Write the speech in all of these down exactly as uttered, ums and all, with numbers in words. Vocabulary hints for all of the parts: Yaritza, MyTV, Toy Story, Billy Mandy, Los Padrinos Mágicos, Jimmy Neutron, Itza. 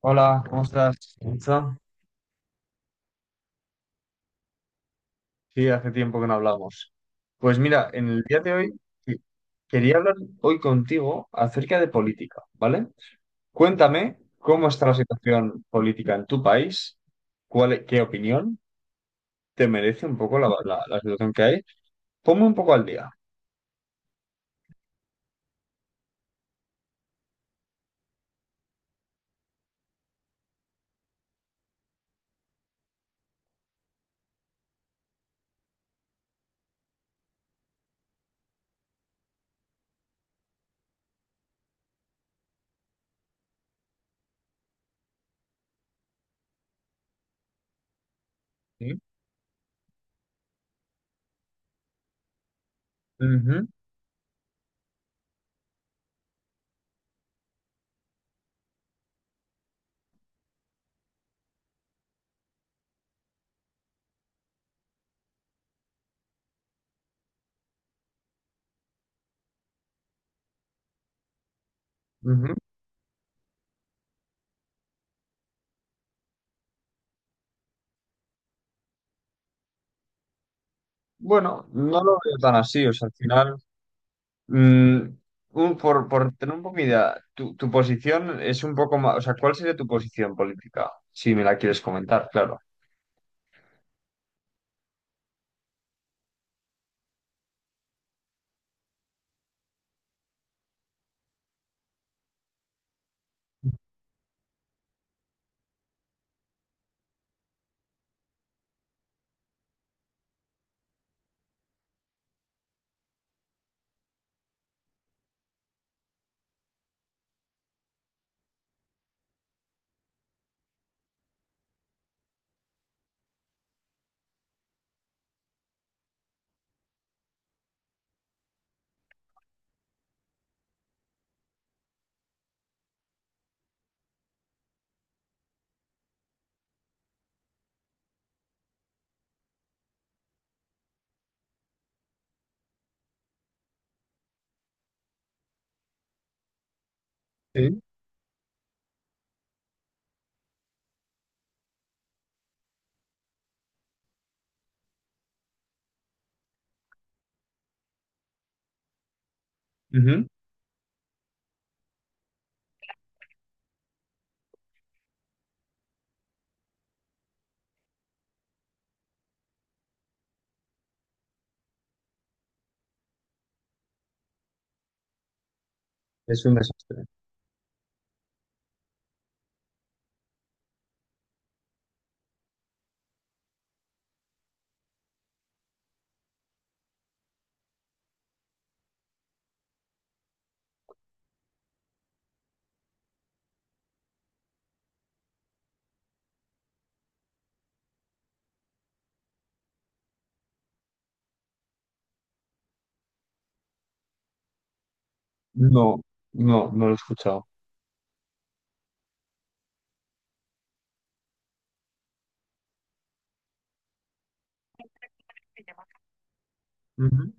Hola, ¿cómo estás? Itza? Sí, hace tiempo que no hablamos. Pues mira, en el día de hoy sí, quería hablar hoy contigo acerca de política, ¿vale? Cuéntame cómo está la situación política en tu país, cuál, e, qué opinión te merece un poco la, la- la situación que hay. Ponme un poco al día. ¿Sí? Ujú, ujú. Bueno, no lo veo tan así, o sea, al final Mm, un- por, por tener un poco mi idea, tu, tu posición es un poco más, o sea, ¿cuál sería tu posición política? Si me la quieres comentar, claro. Sí. Ujú. Es un desastre. No, no, no lo he escuchado. Ujú.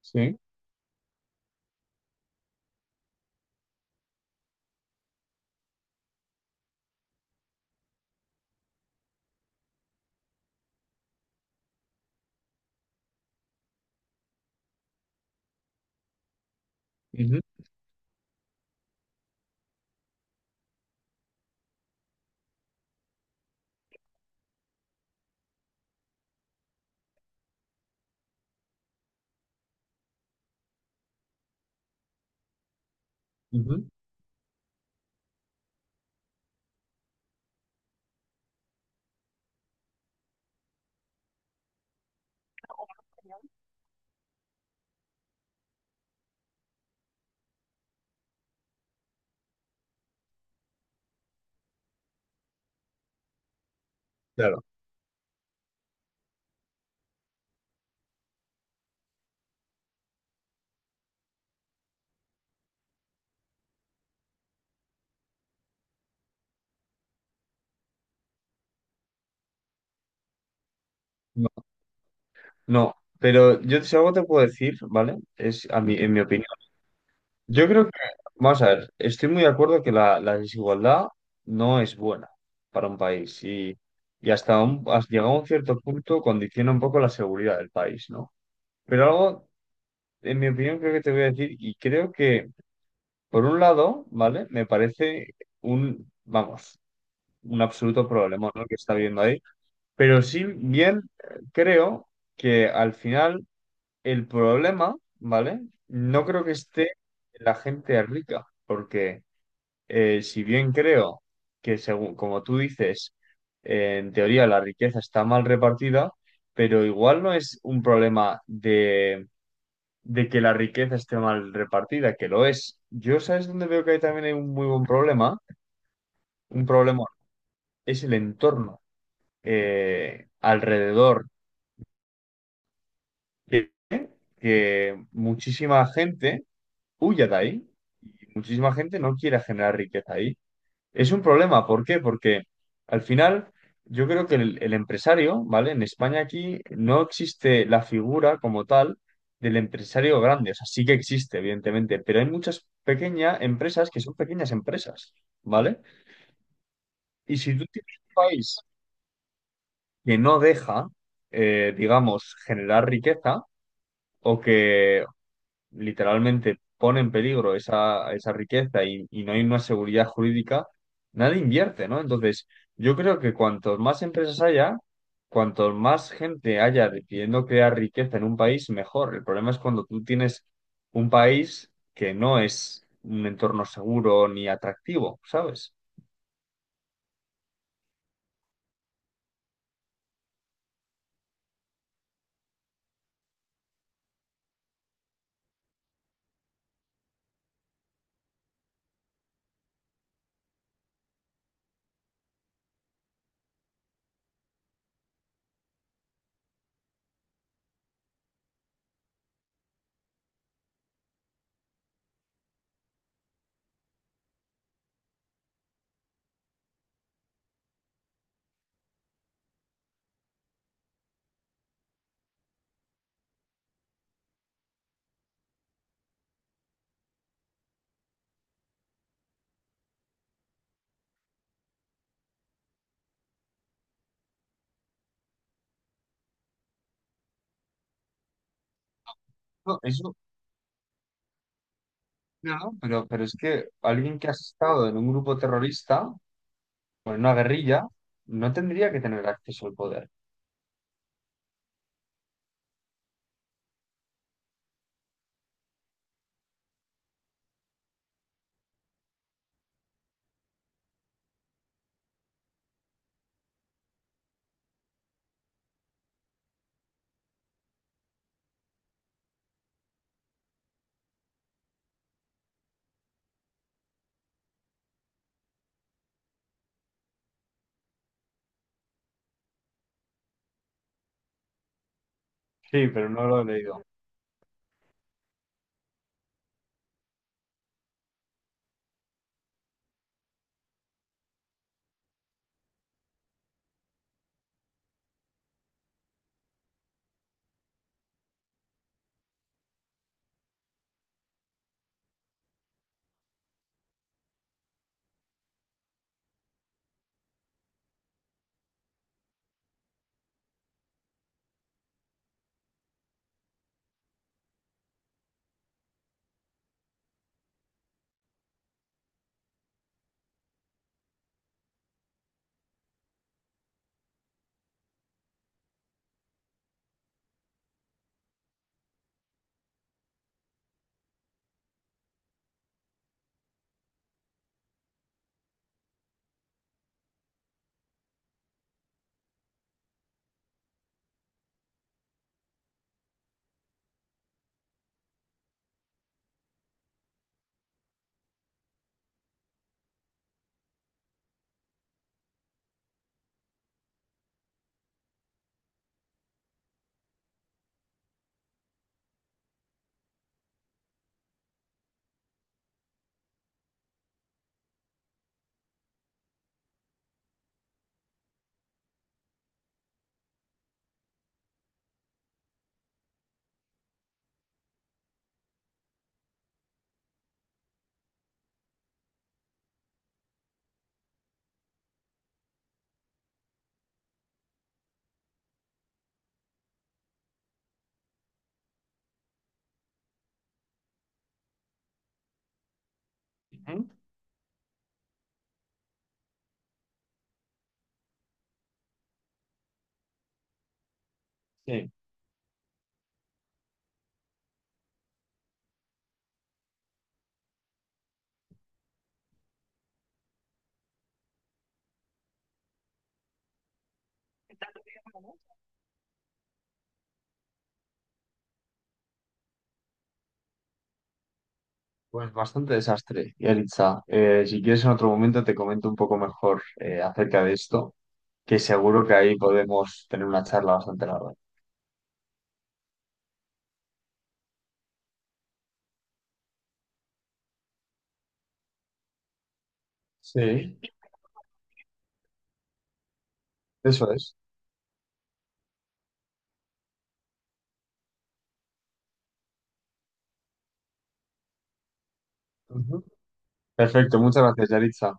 Sí. Ujú, ujú. Claro. No, no, pero yo si algo te puedo decir, ¿vale? Es a mí, en mi opinión. Yo creo que, vamos a ver, estoy muy de acuerdo que la, la desigualdad no es buena para un país y, y hasta, un, has llegado a un cierto punto condiciona un poco la seguridad del país, ¿no? Pero algo, en mi opinión, creo que te voy a decir, y creo que, por un lado, ¿vale? Me parece un, vamos, un absoluto problema, ¿no? Que está viendo ahí, pero sí bien eh, creo que al final el problema, ¿vale? No creo que esté en la gente rica, porque eh, si bien creo que, según como tú dices, eh, en teoría la riqueza está mal repartida, pero igual no es un problema de, de que la riqueza esté mal repartida, que lo es. Yo, ¿sabes dónde veo que hay también hay un muy buen problema? Un problema es el entorno eh, alrededor, que, que muchísima gente huya de ahí y muchísima gente no quiere generar riqueza ahí. Es un problema, ¿por qué? Porque al final yo creo que el, el empresario, ¿vale? En España aquí no existe la figura como tal del empresario grande, o sea, sí que existe, evidentemente, pero hay muchas pequeñas empresas que son pequeñas empresas, ¿vale? Y si tú tienes un país que no deja, eh, digamos, generar riqueza o que, literalmente pone en peligro esa, esa riqueza y, y no hay una seguridad jurídica, nadie invierte, ¿no? Entonces, yo creo que cuantos más empresas haya, cuanto más gente haya decidiendo crear riqueza en un país, mejor. El problema es cuando tú tienes un país que no es un entorno seguro ni atractivo, ¿sabes? No, eso, claro, pero, pero es que alguien que ha estado en un grupo terrorista o en una guerrilla no tendría que tener acceso al poder. Sí, pero no lo he leído. Ujú. Sí, pues bastante desastre, Yaritza. Eh, si quieres en otro momento te comento un poco mejor eh, acerca de esto, que seguro que ahí podemos tener una charla bastante larga. Sí, eso es. Ujú. Perfecto, muchas gracias, Yaritza.